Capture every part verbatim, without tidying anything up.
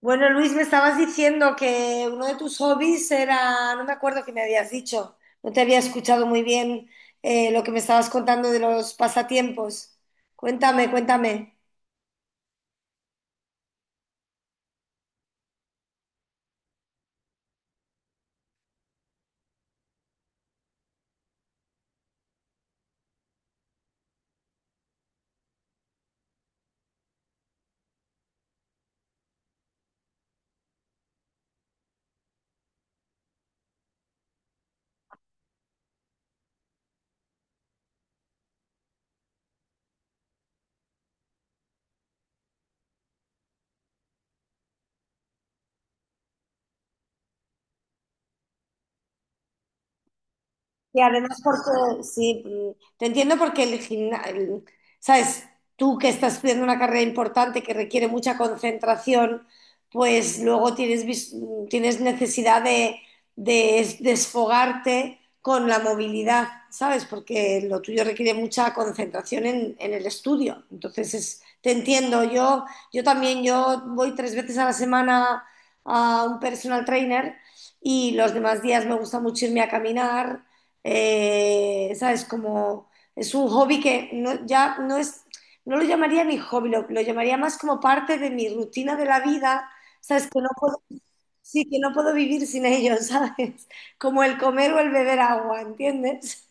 Bueno, Luis, me estabas diciendo que uno de tus hobbies era, no me acuerdo qué me habías dicho, no te había escuchado muy bien eh, lo que me estabas contando de los pasatiempos. Cuéntame, cuéntame. Y además porque, sí, mm, te entiendo porque el gimnasio, sabes, tú que estás estudiando una carrera importante que requiere mucha concentración, pues luego tienes, vis- tienes necesidad de, de es- desfogarte con la movilidad, ¿sabes? Porque lo tuyo requiere mucha concentración en, en el estudio. Entonces, es- te entiendo, yo, yo también, yo voy tres veces a la semana a un personal trainer y los demás días me gusta mucho irme a caminar eh, ¿sabes? Como es un hobby que no, ya no es, no lo llamaría mi hobby, lo, lo llamaría más como parte de mi rutina de la vida, ¿sabes? Que no puedo, sí, que no puedo vivir sin ello, ¿sabes? Como el comer o el beber agua, ¿entiendes?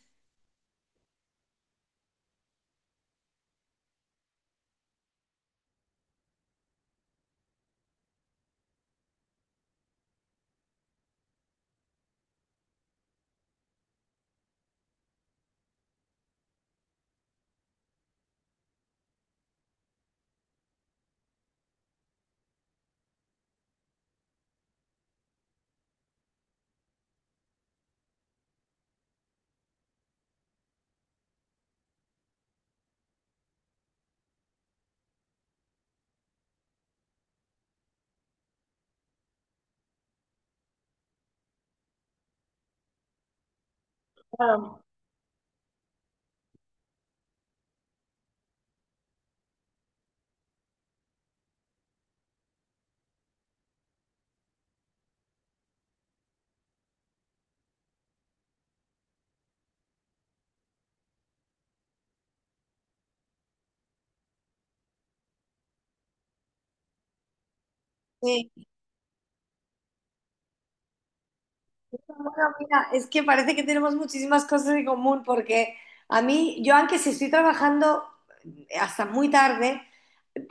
Claro. Sí. Bueno, mira, es que parece que tenemos muchísimas cosas en común porque a mí, yo aunque si estoy trabajando eh, hasta muy tarde,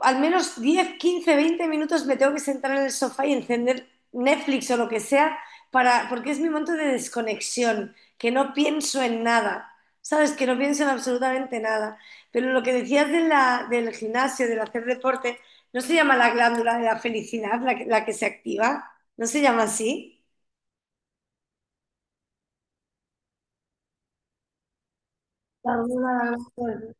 al menos diez, quince, veinte minutos me tengo que sentar en el sofá y encender Netflix o lo que sea, para, porque es mi momento de desconexión, que no pienso en nada, ¿sabes? Que no pienso en absolutamente nada. Pero lo que decías de la, del gimnasio, del hacer deporte, ¿no se llama la glándula de la felicidad la que, la que se activa? ¿No se llama así? La glándula de la-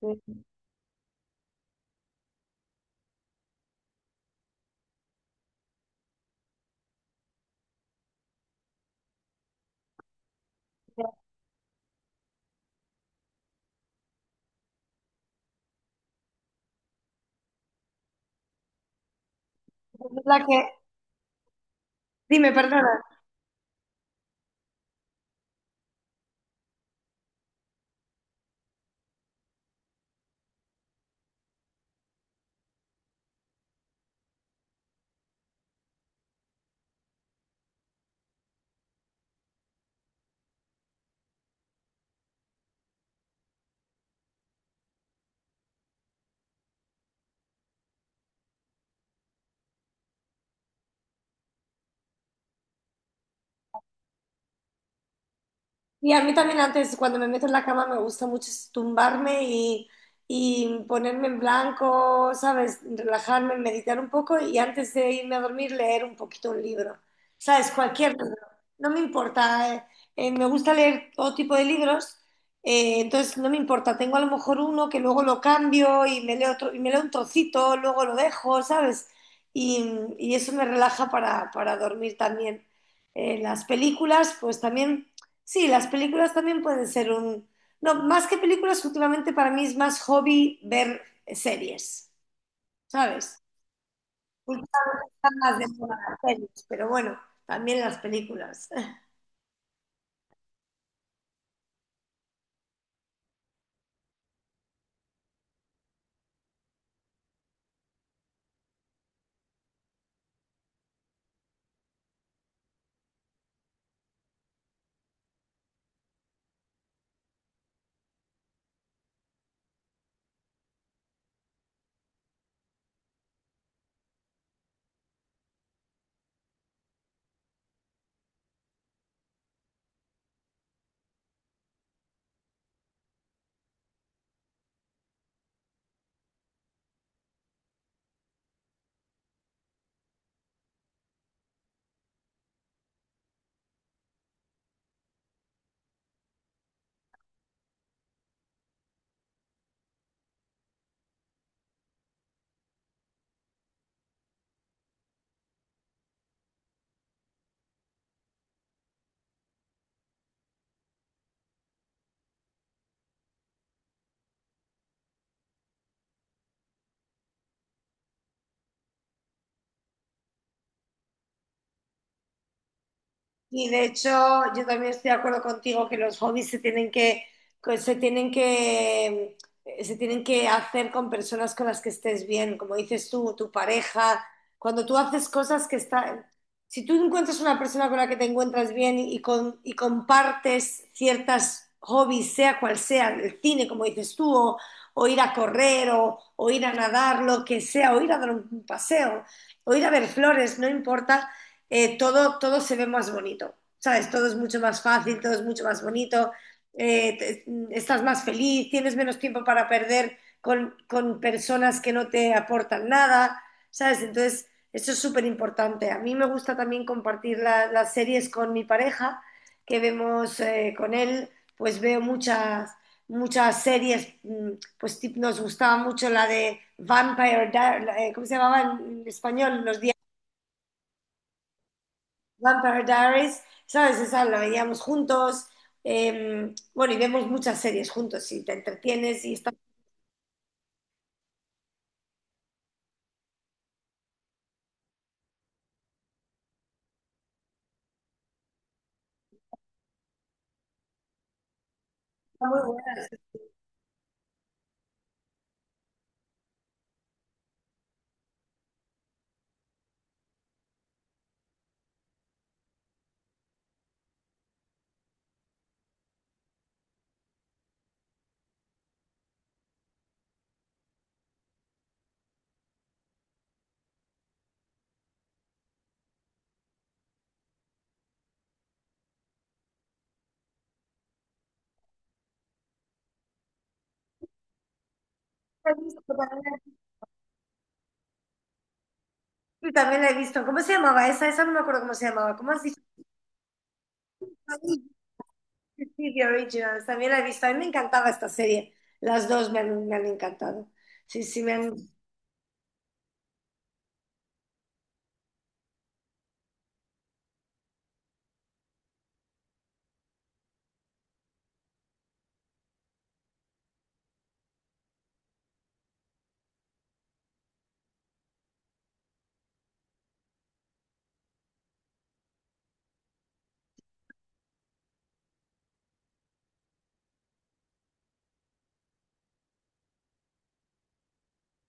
felicidad. La que... Dime, perdona. Y a mí también antes, cuando me meto en la cama, me gusta mucho es tumbarme y, y ponerme en blanco, ¿sabes? Relajarme, meditar un poco y antes de irme a dormir leer un poquito un libro, ¿sabes? Cualquier libro, no me importa. Eh, eh, me gusta leer todo tipo de libros, eh, entonces no me importa. Tengo a lo mejor uno que luego lo cambio y me leo otro, y me leo un trocito, luego lo dejo, ¿sabes? Y, y eso me relaja para, para dormir también. Eh, las películas, pues también... Sí, las películas también pueden ser un... No, más que películas, últimamente para mí es más hobby ver series, ¿sabes? Últimamente están más de moda las series, pero bueno, también las películas. Y de hecho, yo también estoy de acuerdo contigo que los hobbies se tienen que, que se tienen que, eh, se tienen que hacer con personas con las que estés bien, como dices tú, tu pareja. Cuando tú haces cosas que están, si tú encuentras una persona con la que te encuentras bien y, con, y compartes ciertas hobbies, sea cual sea, el cine, como dices tú, o, o ir a correr, o, o ir a nadar, lo que sea, o ir a dar un paseo, o ir a ver flores, no importa eh, todo, todo se ve más bonito, ¿sabes? Todo es mucho más fácil, todo es mucho más bonito, eh, te- estás más feliz, tienes menos tiempo para perder con, con personas que no te aportan nada, ¿sabes? Entonces, eso es súper importante. A mí me gusta también compartir la- las series con mi pareja, que vemos eh, con él, pues veo muchas... Muchas series, mm, pues tip- nos gustaba mucho la de Vampire, Di- la- eh, ¿cómo se llamaba en en español? Los Vampire Diaries, ¿sabes? Esa la veíamos juntos. eh, bueno, y vemos muchas series juntos y te entretienes y está muy buena. La he visto. También sí, también la he visto. ¿Cómo se llamaba esa? Esa no me acuerdo cómo se llamaba. ¿Cómo has dicho? Sí, sí, sí, The Originals. También la he visto. A mí me encantaba esta serie. Las dos me han, me han encantado. Sí, sí, me han...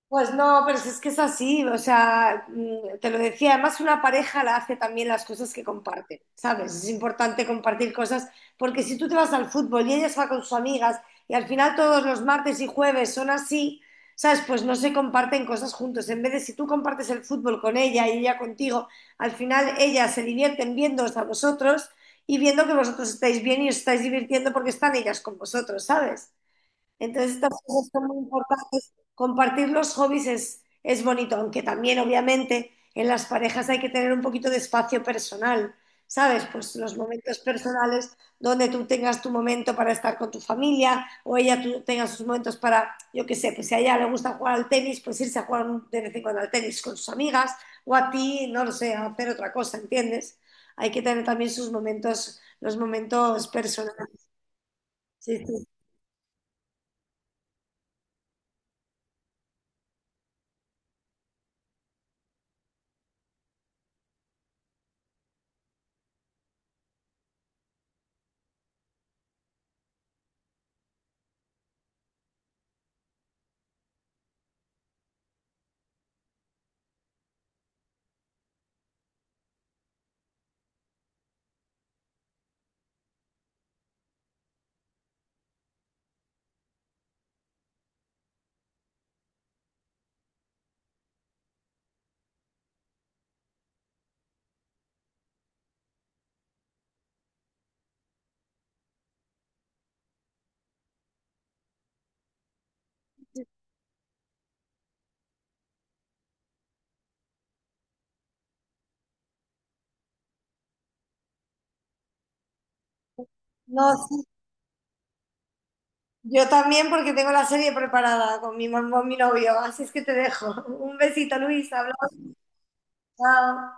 Pues no, pero si es que es así, o sea, mm, te lo decía, además una pareja la hace también las cosas que comparte, ¿sabes? Es importante compartir cosas, porque si tú te vas al fútbol y ellas va con sus amigas y al final todos los martes y jueves son así, ¿sabes? Pues no se comparten cosas juntos. En vez de si tú compartes el fútbol con ella y ella contigo, al final ellas se divierten viéndoos a vosotros y viendo que vosotros estáis bien y os estáis divirtiendo porque están ellas con vosotros, ¿sabes? Entonces, estas cosas son muy importantes. Compartir los hobbies es, es bonito, aunque también, obviamente, en las parejas hay que tener un poquito de espacio personal, ¿sabes? Pues los momentos personales donde tú tengas tu momento para estar con tu familia o ella tú tenga sus momentos para, yo qué sé, pues si a ella le gusta jugar al tenis, pues irse a jugar un- de vez en cuando al tenis con sus amigas o a ti, no lo sé, a hacer otra cosa, ¿entiendes? Hay que tener también sus momentos, los momentos personales. Sí, sí. No, sí, yo también porque tengo la serie preparada con mi, mam- con mi novio, así es que te dejo. Un besito, Luis, hablamos. Chao.